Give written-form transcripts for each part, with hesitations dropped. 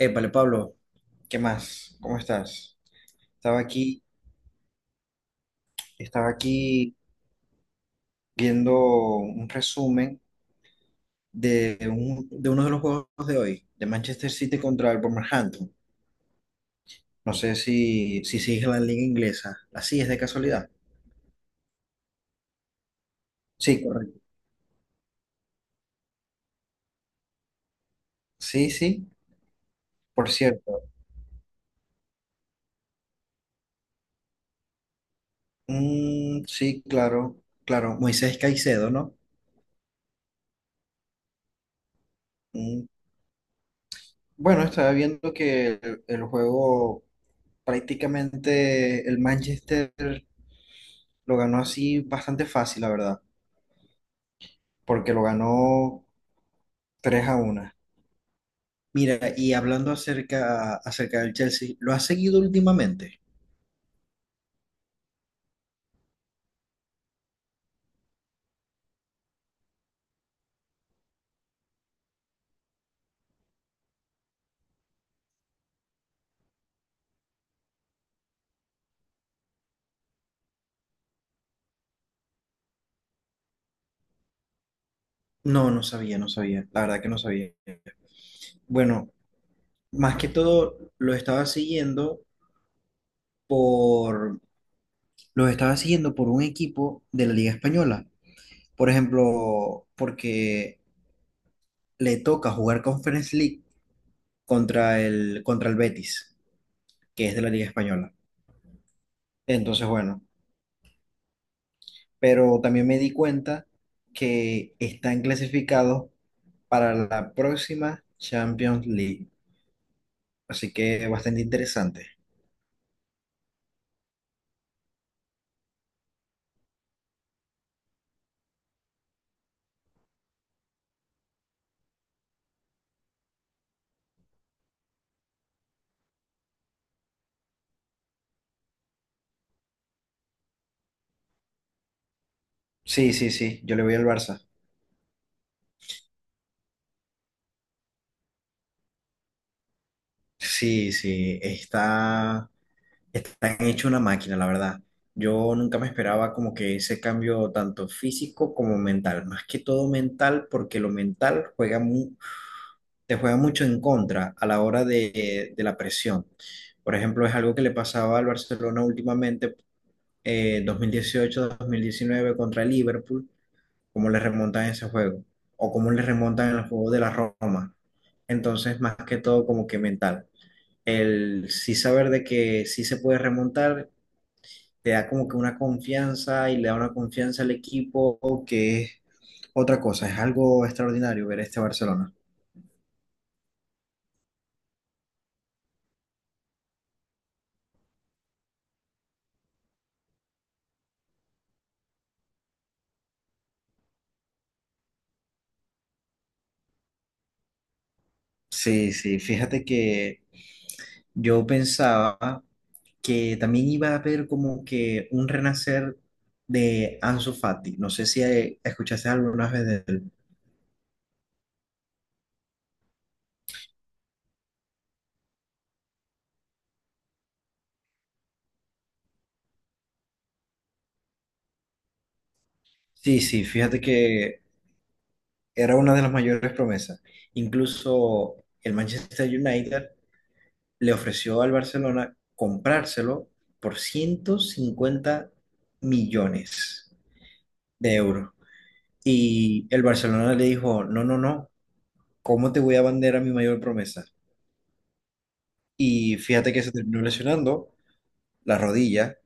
Épale, Pablo, ¿qué más? ¿Cómo estás? Estaba aquí, estaba aquí viendo un resumen de, de uno de los juegos de hoy, de Manchester City contra el Wolverhampton. No sé si sigues la liga inglesa. ¿La sigues de casualidad? Sí, correcto. Sí, sí, por cierto. Mm, sí, claro, claro. Moisés Caicedo, ¿no? Mm, bueno, estaba viendo que el juego prácticamente el Manchester. Lo ganó así bastante fácil, la verdad, porque lo ganó 3-1. Mira, y hablando acerca del Chelsea, ¿lo has seguido últimamente? No, no sabía, no sabía, la verdad que no sabía. Bueno, más que todo lo estaba siguiendo por, lo estaba siguiendo por un equipo de la Liga Española. Por ejemplo, porque le toca jugar Conference League contra el Betis, que es de la Liga Española. Entonces, bueno. Pero también me di cuenta que están clasificados para la próxima Champions League. Así que bastante interesante. Sí, sí, sí, yo le voy al Barça. Sí, sí, están hecho una máquina, la verdad. Yo nunca me esperaba como que ese cambio tanto físico como mental, más que todo mental, porque lo mental juega te juega mucho en contra a la hora de la presión. Por ejemplo, es algo que le pasaba al Barcelona últimamente 2018-2019 contra el Liverpool, cómo le remontan en ese juego, o cómo le remontan en el juego de la Roma. Entonces, más que todo, como que mental. El sí saber de que sí se puede remontar, te da como que una confianza y le da una confianza al equipo, que es otra cosa, es algo extraordinario ver este Barcelona. Sí, sí, fíjate que yo pensaba que también iba a haber como que un renacer de Ansu Fati. No sé si escuchaste alguna vez de él. Sí, sí, fíjate que era una de las mayores promesas. Incluso el Manchester United le ofreció al Barcelona comprárselo por 150 millones de euros. Y el Barcelona le dijo, no, no, no, ¿cómo te voy a vender a mi mayor promesa? Y fíjate que se terminó lesionando la rodilla.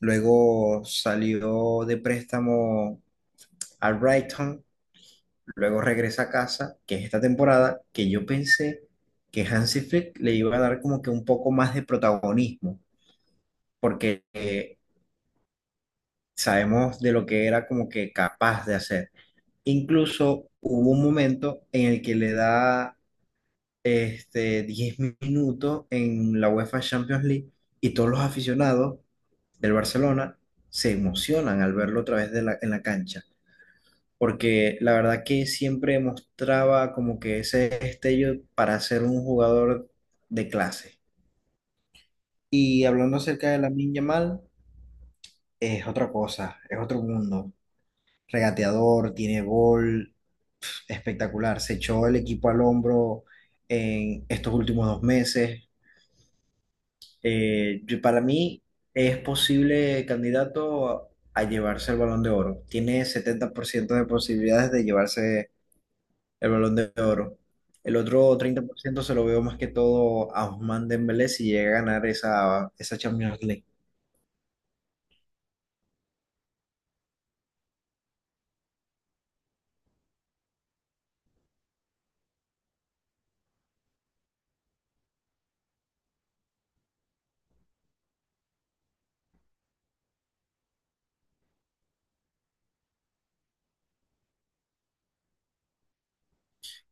Luego salió de préstamo al Brighton. Luego regresa a casa, que es esta temporada, que yo pensé que Hansi Flick le iba a dar como que un poco más de protagonismo, porque sabemos de lo que era como que capaz de hacer. Incluso hubo un momento en el que le da este, 10 minutos en la UEFA Champions League y todos los aficionados del Barcelona se emocionan al verlo otra vez de en la cancha, porque la verdad que siempre mostraba como que ese destello para ser un jugador de clase. Y hablando acerca de Lamine Yamal, es otra cosa, es otro mundo. Regateador, tiene gol, espectacular. Se echó el equipo al hombro en estos últimos 2 meses. Para mí es posible candidato a llevarse el Balón de Oro. Tiene 70% de posibilidades de llevarse el Balón de Oro. El otro 30% se lo veo más que todo a Ousmane Dembélé si llega a ganar esa Champions League.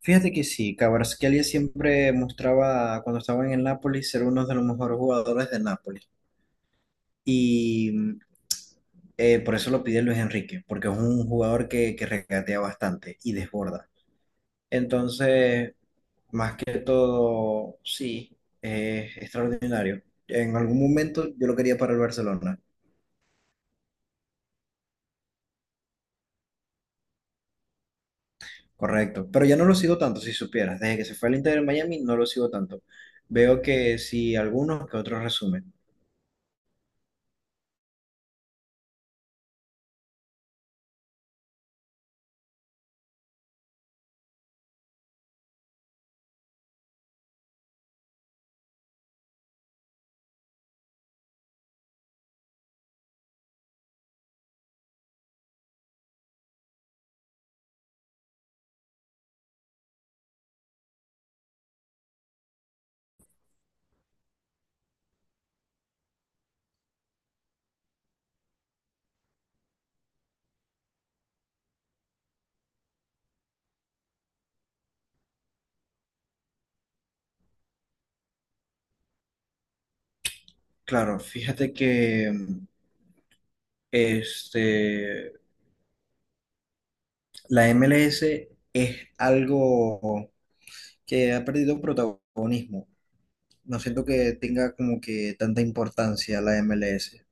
Fíjate que sí, Kvaratskhelia siempre mostraba cuando estaba en el Napoli ser uno de los mejores jugadores del Napoli. Y mm, por eso lo pide Luis Enrique, porque es un jugador que regatea bastante y desborda. Entonces, más que todo, sí, es extraordinario. En algún momento yo lo quería para el Barcelona, correcto. Pero ya no lo sigo tanto, si supieras. Desde que se fue al Inter de Miami no lo sigo tanto. Veo que sí algunos que otros resumen. Claro, fíjate que este, la MLS algo que ha perdido protagonismo. No siento que tenga como que tanta importancia la MLS.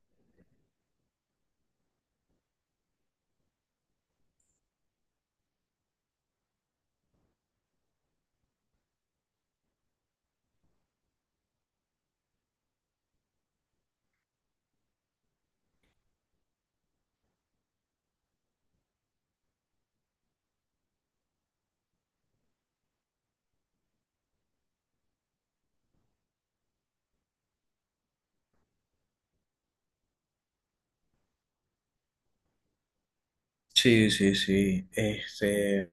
Sí, sí, sí. Este,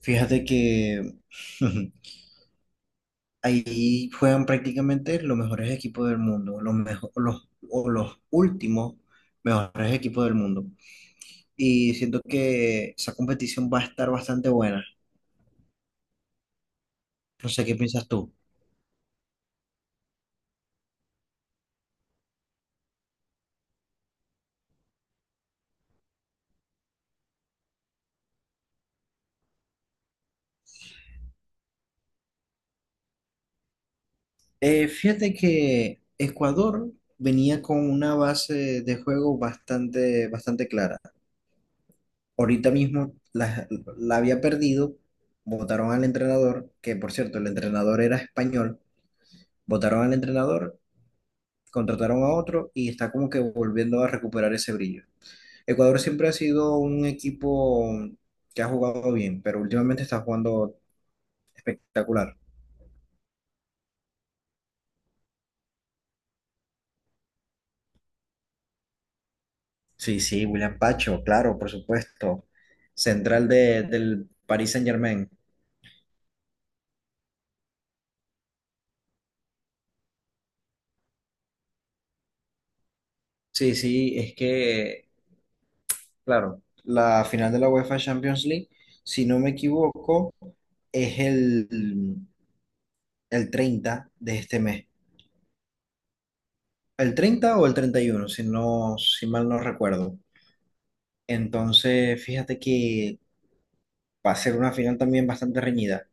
fíjate que ahí juegan prácticamente los mejores equipos del mundo, o los últimos mejores equipos del mundo. Y siento que esa competición va a estar bastante buena. No sé qué piensas tú. Fíjate que Ecuador venía con una base de juego bastante, bastante clara. Ahorita mismo la había perdido, votaron al entrenador, que por cierto, el entrenador era español, votaron al entrenador, contrataron a otro y está como que volviendo a recuperar ese brillo. Ecuador siempre ha sido un equipo que ha jugado bien, pero últimamente está jugando espectacular. Sí, sí, William Pacho, claro, por supuesto. Central del Paris Saint-Germain. Sí, sí, es que claro, la final de la UEFA Champions League, si no me equivoco, es el 30 de este mes. El 30 o el 31, si mal no recuerdo. Entonces, fíjate que va a ser una final también bastante reñida.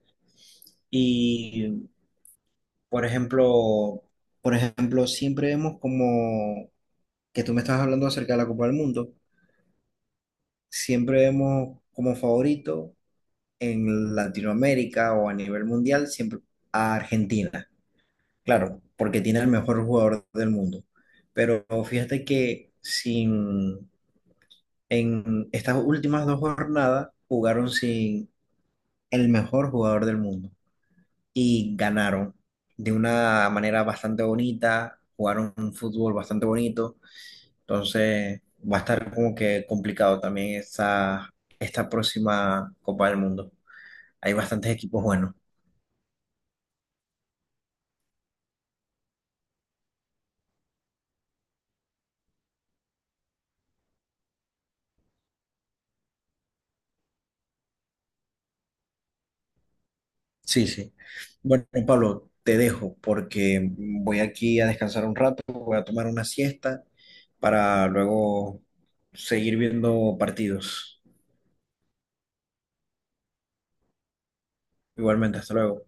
Y, por ejemplo, siempre vemos como que tú me estás hablando acerca de la Copa del Mundo, siempre vemos como favorito en Latinoamérica o a nivel mundial siempre a Argentina, claro, porque tiene el mejor jugador del mundo. Pero fíjate que sin, en estas últimas 2 jornadas jugaron sin el mejor jugador del mundo y ganaron de una manera bastante bonita, jugaron un fútbol bastante bonito, entonces va a estar como que complicado también esta próxima Copa del Mundo. Hay bastantes equipos buenos. Sí, sí. Bueno, Pablo, te dejo porque voy aquí a descansar un rato, voy a tomar una siesta para luego seguir viendo partidos. Igualmente, hasta luego.